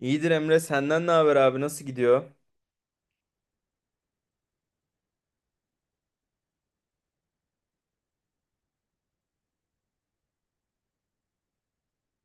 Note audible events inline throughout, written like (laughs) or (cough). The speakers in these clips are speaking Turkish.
İyidir Emre, senden ne haber abi? Nasıl gidiyor?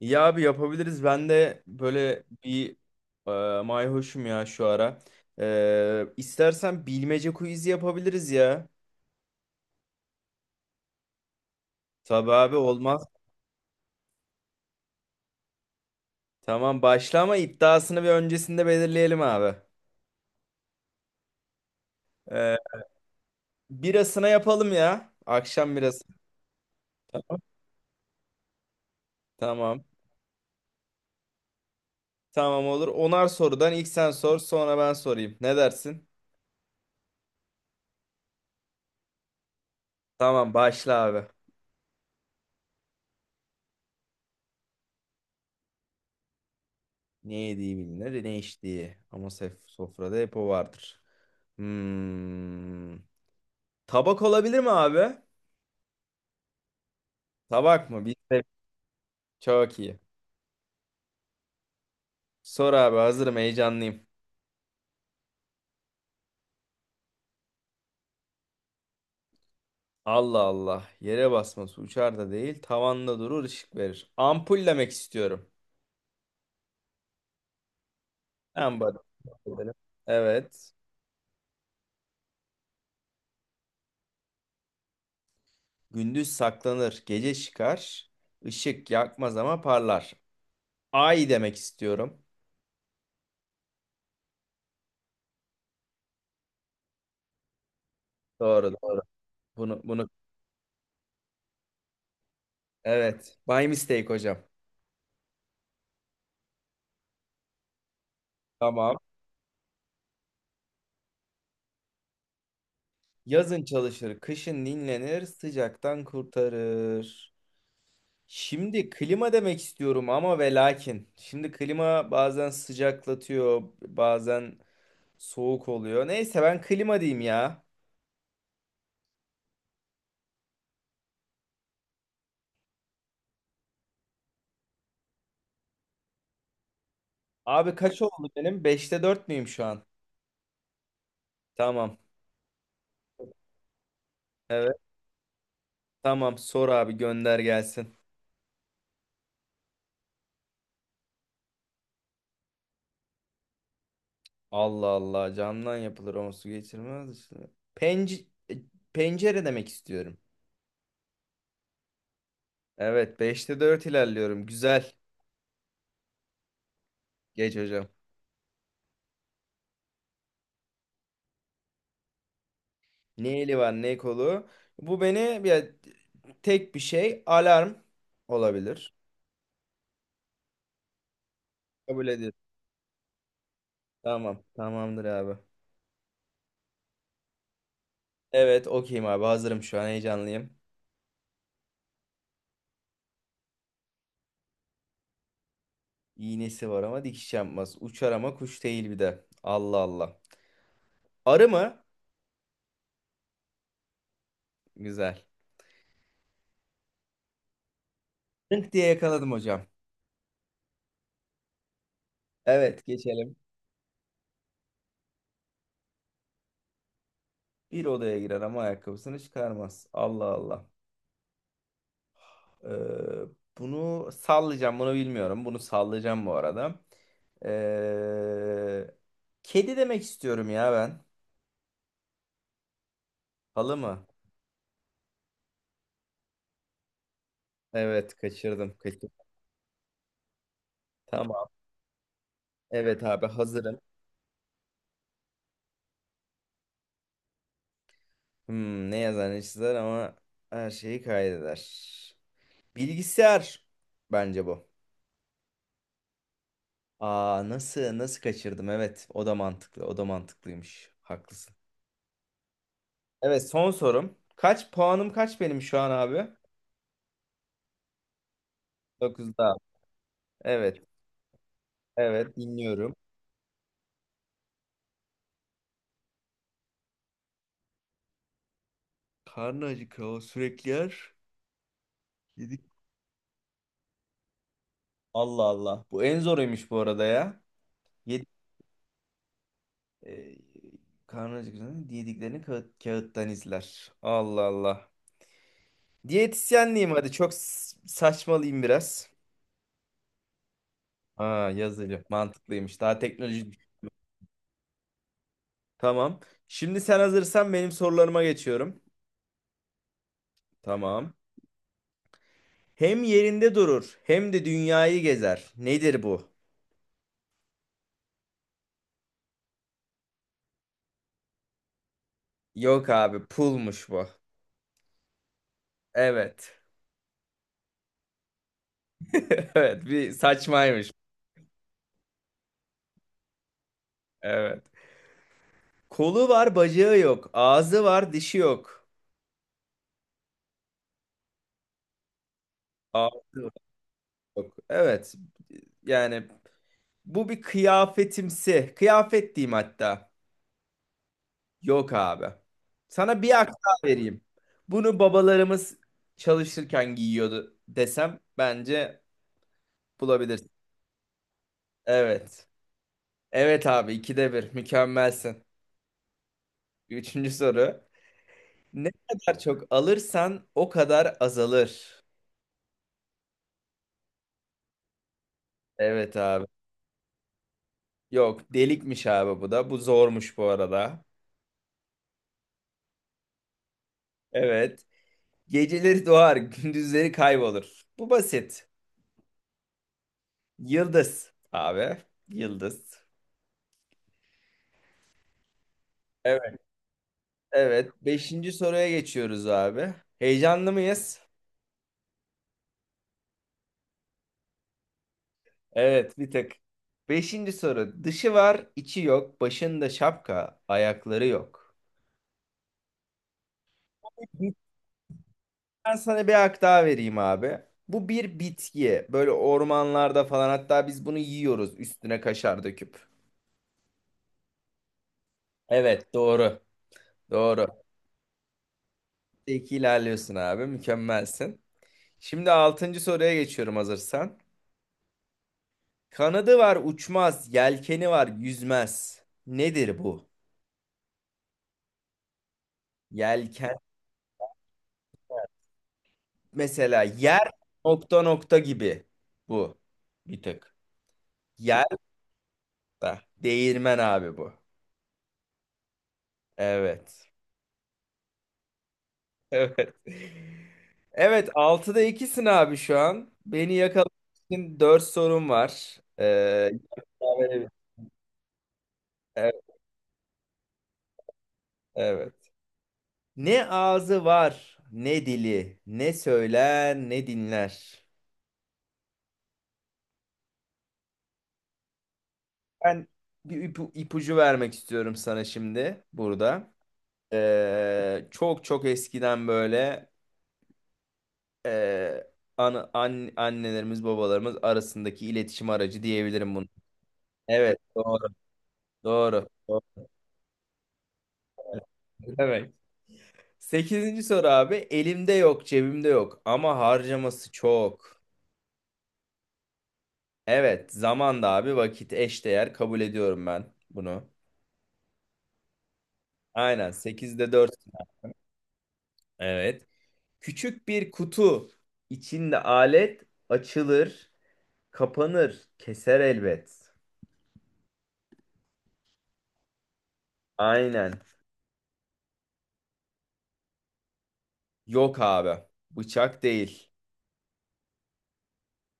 İyi abi yapabiliriz. Ben de böyle bir mayhoşum ya şu ara. İstersen bilmece quizi yapabiliriz ya. Tabii abi olmaz. Tamam başla ama iddiasını bir öncesinde belirleyelim abi. E, birasına yapalım ya. Akşam birası. Tamam. Tamam olur. Onar sorudan ilk sen sor, sonra ben sorayım. Ne dersin? Tamam başla abi. Ne yediği bilinir, ne içtiği. Ama sofrada hep o vardır. Hmm. Tabak olabilir mi abi? Tabak mı? Bilse çok iyi. Sor abi, hazırım, heyecanlıyım. Allah Allah. Yere basması uçar da değil, tavanda durur, ışık verir. Ampul demek istiyorum. En basit. Evet. Gündüz saklanır, gece çıkar. Işık yakmaz ama parlar. Ay demek istiyorum. Doğru, doğru. Bunu, evet. By mistake hocam. Tamam. Yazın çalışır, kışın dinlenir, sıcaktan kurtarır. Şimdi klima demek istiyorum ama ve lakin. Şimdi klima bazen sıcaklatıyor, bazen soğuk oluyor. Neyse ben klima diyeyim ya. Abi kaç oldu benim? Beşte 4 müyüm şu an? Tamam. Evet. Tamam, sor abi, gönder gelsin. Allah Allah, camdan yapılır ama su geçirmez işte. Penc e, pencere demek istiyorum. Evet, beşte 4 ilerliyorum. Güzel. Geç hocam. Ne eli var, ne kolu. Bu beni bir tek bir şey, alarm olabilir. Kabul ediyorum. Tamam. Tamamdır abi. Evet, okeyim abi, hazırım şu an, heyecanlıyım. İğnesi var ama dikiş yapmaz. Uçar ama kuş değil bir de. Allah Allah. Arı mı? Güzel. Rınk diye yakaladım hocam. Evet, geçelim. Bir odaya girer ama ayakkabısını çıkarmaz. Allah Allah. Ee, bunu sallayacağım, bunu bilmiyorum. Bunu sallayacağım bu arada. Ee, kedi demek istiyorum ya ben. Halı mı? Evet, kaçırdım, kaçırdım. Tamam. Evet abi, hazırım. Ne yazar, ne çizer ama her şeyi kaydeder. Bilgisayar bence bu. Aa, nasıl nasıl kaçırdım? Evet, o da mantıklı. O da mantıklıymış. Haklısın. Evet, son sorum. Kaç puanım kaç benim şu an abi? 9'da. Evet. Evet, dinliyorum. Karnı acıkıyor, o sürekli yer. Yedik. Allah Allah. Bu en zoruymuş bu arada ya. Yedi, e, karnı acıkınca yediklerini kağıttan izler. Allah Allah. Diyetisyenliğim hadi, çok saçmalıyım biraz. Aa, yazılı. Mantıklıymış. Daha teknoloji. Tamam. Şimdi sen hazırsan benim sorularıma geçiyorum. Tamam. Hem yerinde durur, hem de dünyayı gezer. Nedir bu? Yok abi, pulmuş bu. Evet. (laughs) Evet, bir saçmaymış. Evet. Kolu var, bacağı yok. Ağzı var, dişi yok. Ağzı var, yok. Evet. Yani bu bir kıyafetimsi. Kıyafet diyeyim hatta. Yok abi. Sana bir hak daha vereyim. Bunu babalarımız çalışırken giyiyordu desem bence bulabilirsin. Evet. Evet abi, ikide bir. Mükemmelsin. Üçüncü soru. Ne kadar çok alırsan o kadar azalır. Evet abi. Yok, delikmiş abi bu da. Bu zormuş bu arada. Evet. Geceleri doğar, gündüzleri kaybolur. Bu basit. Yıldız abi. Yıldız. Evet. Evet. Beşinci soruya geçiyoruz abi. Heyecanlı mıyız? Evet, bir tık. Beşinci soru. Dışı var, içi yok. Başında şapka, ayakları yok. Bir- Ben sana bir hak daha vereyim abi. Bu bir bitki. Böyle ormanlarda falan, hatta biz bunu yiyoruz üstüne kaşar döküp. Evet, doğru. Doğru. İki ilerliyorsun abi. Mükemmelsin. Şimdi altıncı soruya geçiyorum hazırsan. Kanadı var uçmaz, yelkeni var yüzmez. Nedir bu? Yelken mesela yer nokta nokta gibi, bu bir tık. Yer da değirmen abi bu. Evet. (laughs) Evet. Evet, altıda ikisin abi şu an. Beni yakalamak için 4 sorum var. Yani- evet, evet. Ne ağzı var, ne dili, ne söyler, ne dinler. Ben bir ipucu vermek istiyorum sana şimdi burada. Çok çok eskiden böyle e, annelerimiz babalarımız arasındaki iletişim aracı diyebilirim bunu. Evet doğru, doğru. Doğru. Evet. Sekizinci soru abi, elimde yok cebimde yok ama harcaması çok. Evet, zaman da abi vakit eşdeğer kabul ediyorum ben bunu. Aynen, 8'de 4. Evet. Küçük bir kutu, içinde alet açılır, kapanır, keser elbet. Aynen. Yok abi. Bıçak değil.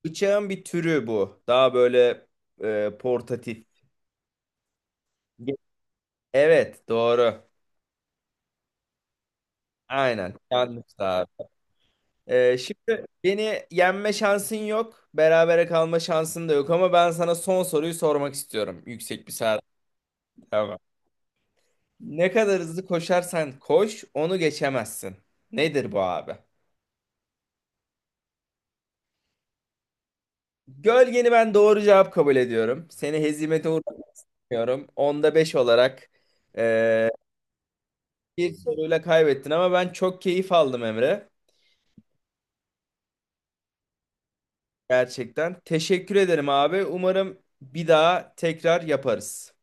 Bıçağın bir türü bu. Daha böyle portatif. Evet, doğru. Aynen. Yanlış abi. Şimdi beni yenme şansın yok. Berabere kalma şansın da yok ama ben sana son soruyu sormak istiyorum. Yüksek bir saat. Tamam. Ne kadar hızlı koşarsan koş, onu geçemezsin. Nedir bu abi? Gölgeni ben doğru cevap kabul ediyorum. Seni hezimete uğratmak istemiyorum. Onda 5 olarak eee, bir soruyla kaybettin ama ben çok keyif aldım Emre. Gerçekten. Teşekkür ederim abi. Umarım bir daha tekrar yaparız.